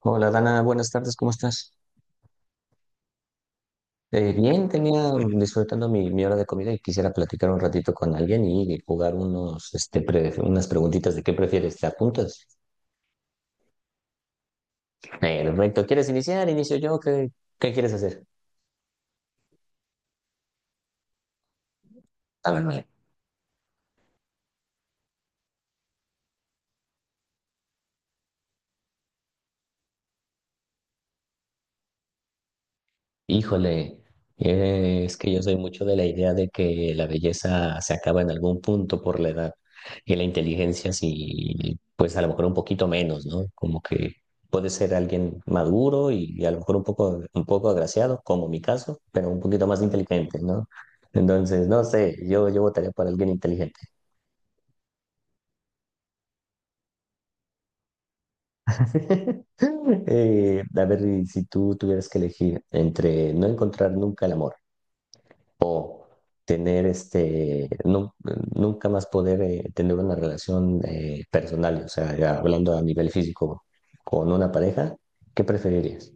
Hola Dana, buenas tardes, ¿cómo estás? Bien, tenía disfrutando mi hora de comida y quisiera platicar un ratito con alguien y jugar unas preguntitas de qué prefieres, ¿te apuntas? Perfecto, ¿quieres iniciar? Inicio yo, ¿qué quieres hacer? A ver, vale. Híjole, es que yo soy mucho de la idea de que la belleza se acaba en algún punto por la edad y la inteligencia sí, pues a lo mejor un poquito menos, ¿no? Como que puede ser alguien maduro y a lo mejor un poco agraciado, como mi caso, pero un poquito más inteligente, ¿no? Entonces, no sé, yo votaría por alguien inteligente. A ver, y si tú tuvieras que elegir entre no encontrar nunca el amor, o tener nunca más poder tener una relación personal, o sea, ya hablando a nivel físico con una pareja, ¿qué preferirías?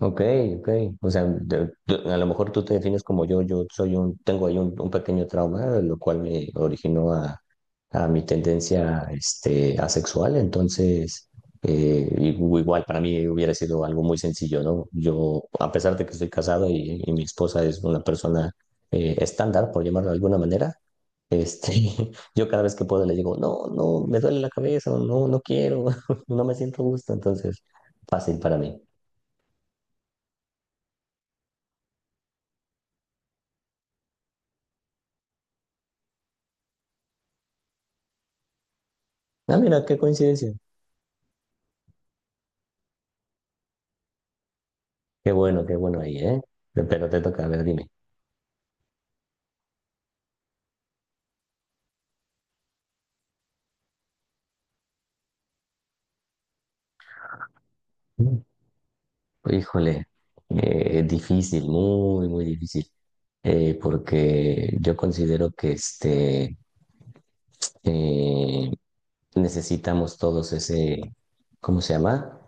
Ok, ok. O sea, a lo mejor tú te defines como yo soy tengo ahí un pequeño trauma, lo cual me originó a mi tendencia, asexual. Entonces, igual para mí hubiera sido algo muy sencillo, ¿no? Yo, a pesar de que estoy casado y mi esposa es una persona, estándar, por llamarlo de alguna manera, este, yo cada vez que puedo le digo, no, no, me duele la cabeza, o no, no quiero, no me siento a gusto. Entonces, fácil para mí. Ah, mira, qué coincidencia. Qué bueno ahí, ¿eh? Pero te toca, a ver, dime. Mm. Híjole, difícil, muy, muy difícil. Porque yo considero que eh, necesitamos todos ese, ¿cómo se llama?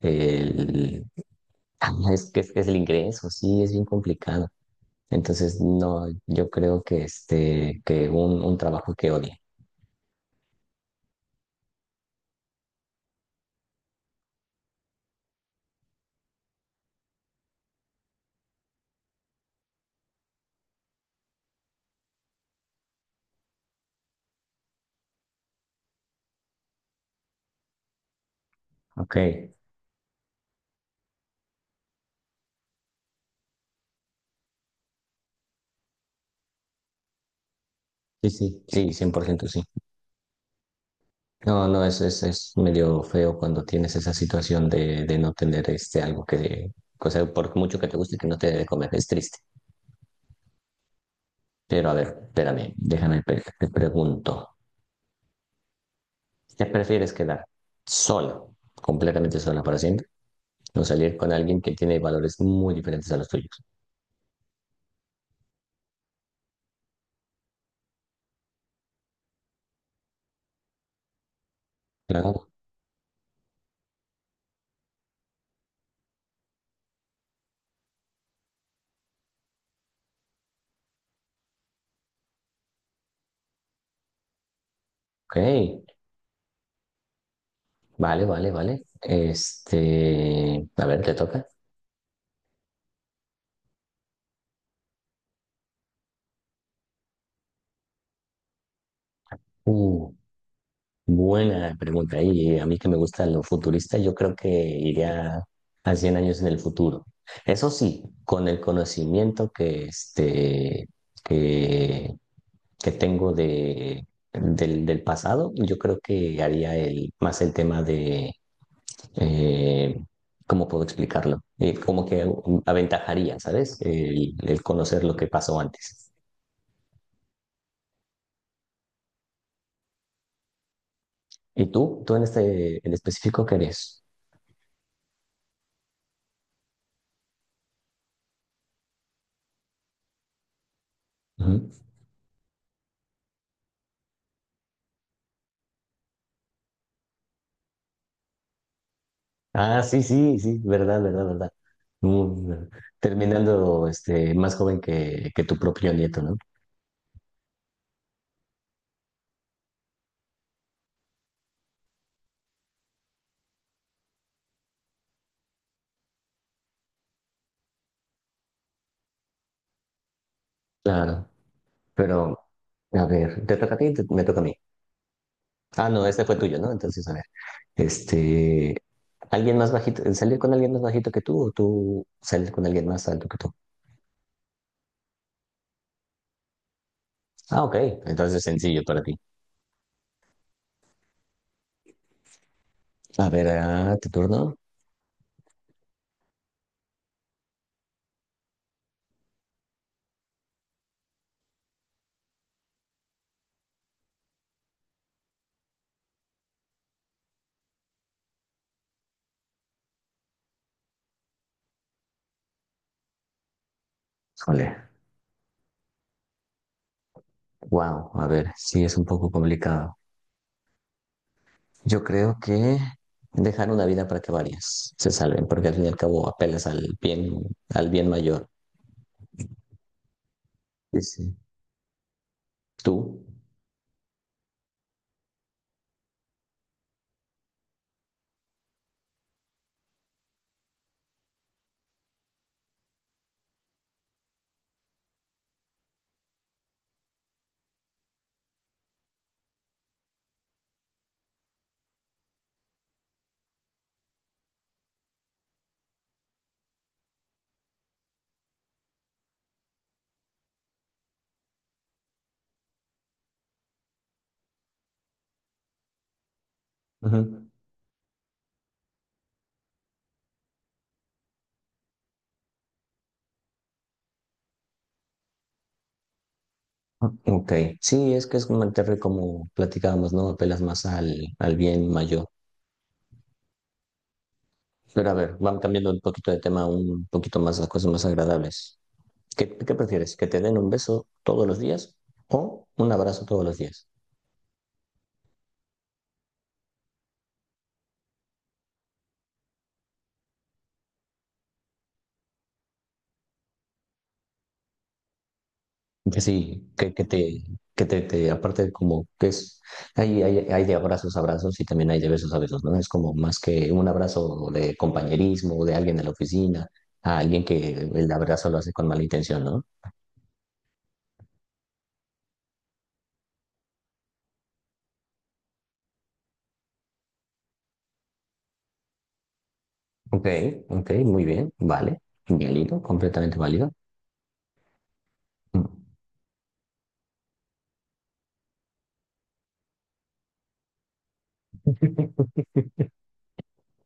El, es que es, que es el ingreso, sí, es bien complicado. Entonces, no, yo creo que, que un trabajo que odie. Ok, sí, sí, sí, 100% sí. No, no, es, es medio feo cuando tienes esa situación de no tener algo que, o sea, por mucho que te guste que no te debe comer, es triste. Pero a ver, espérame, déjame, te pregunto, ¿te prefieres quedar sola, completamente sola para siempre, o salir con alguien que tiene valores muy diferentes a los tuyos? Claro. Ok, vale, vale, vale. Este, a ver, ¿te toca? Buena pregunta. Y a mí que me gusta lo futurista, yo creo que iría a 100 años en el futuro. Eso sí, con el conocimiento que, que tengo del pasado, yo creo que haría más el tema eh, ¿cómo puedo explicarlo? Como que aventajaría, ¿sabes? El conocer lo que pasó antes. ¿Y tú? ¿Tú en este en específico qué eres? Ah, sí, sí, sí, verdad, verdad, verdad. Mm, Terminando más joven que tu propio nieto, ¿no? Claro, pero a ver, ¿te toca a ti? Me toca a mí. Ah, no, este fue tuyo, ¿no? Entonces, a ver, este, ¿alguien más bajito, salir con alguien más bajito que tú o tú salir con alguien más alto que tú? Ah, ok, entonces sencillo para ti. A ver, ah, ¿tu turno? Híjole, wow, a ver, sí, es un poco complicado. Yo creo que dejar una vida para que varias se salven, porque al fin y al cabo apelas al bien mayor. Sí, sí. ¿Tú? Ujú. Ah, ok. Sí, es que es como, como platicábamos, ¿no? Apelas más al, al bien mayor. Pero a ver, vamos cambiando un poquito de tema, un poquito más a cosas más agradables. ¿Qué, qué prefieres? ¿Que te den un beso todos los días o un abrazo todos los días? Que sí, que te- Aparte como que es, hay de abrazos a abrazos y también hay de besos a besos, ¿no? Es como más que un abrazo de compañerismo, de alguien de la oficina, a alguien que el abrazo lo hace con mala intención, ¿no? Ok, ok, muy bien, vale, válido, completamente válido. Mm.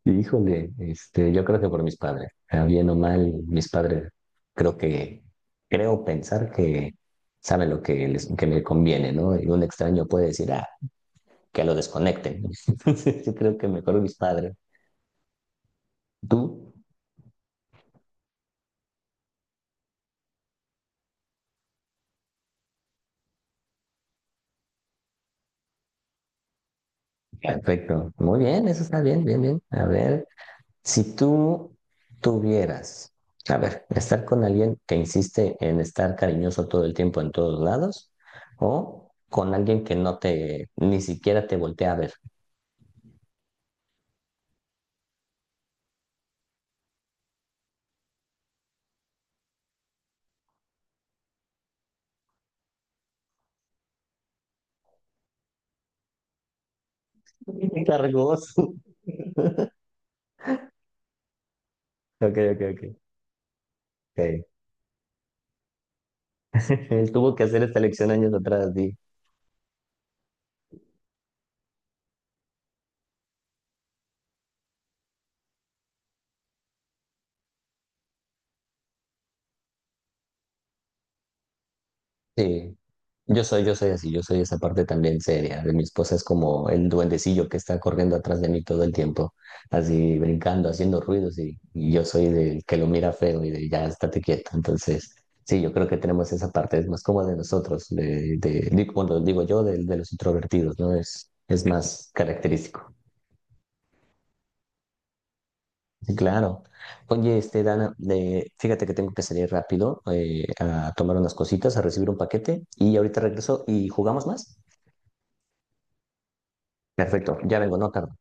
Híjole, yo creo que por mis padres, bien o mal, mis padres, creo que, creo pensar que saben lo que les, que me conviene, ¿no? Y un extraño puede decir, ah, que lo desconecten, ¿no? Entonces, yo creo que mejor mis padres. Tú, perfecto. Muy bien, eso está bien, bien, bien. A ver, si tú tuvieras, a ver, estar con alguien que insiste en estar cariñoso todo el tiempo en todos lados o con alguien que no te, ni siquiera te voltea a ver. Cargoso. Ok, ok, ok. Ok. Él tuvo que hacer esta lección años atrás, di. Sí, yo soy así, yo soy esa parte también seria. De Mi esposa es como el duendecillo que está corriendo atrás de mí todo el tiempo, así brincando, haciendo ruidos y yo soy del que lo mira feo y de ya estate quieto. Entonces, sí, yo creo que tenemos esa parte, es más como de nosotros, bueno, digo yo, de los introvertidos, ¿no? Es más característico. Sí, claro. Oye, Dana, fíjate que tengo que salir rápido a tomar unas cositas, a recibir un paquete y ahorita regreso y jugamos más. Perfecto, ya vengo, no tardo.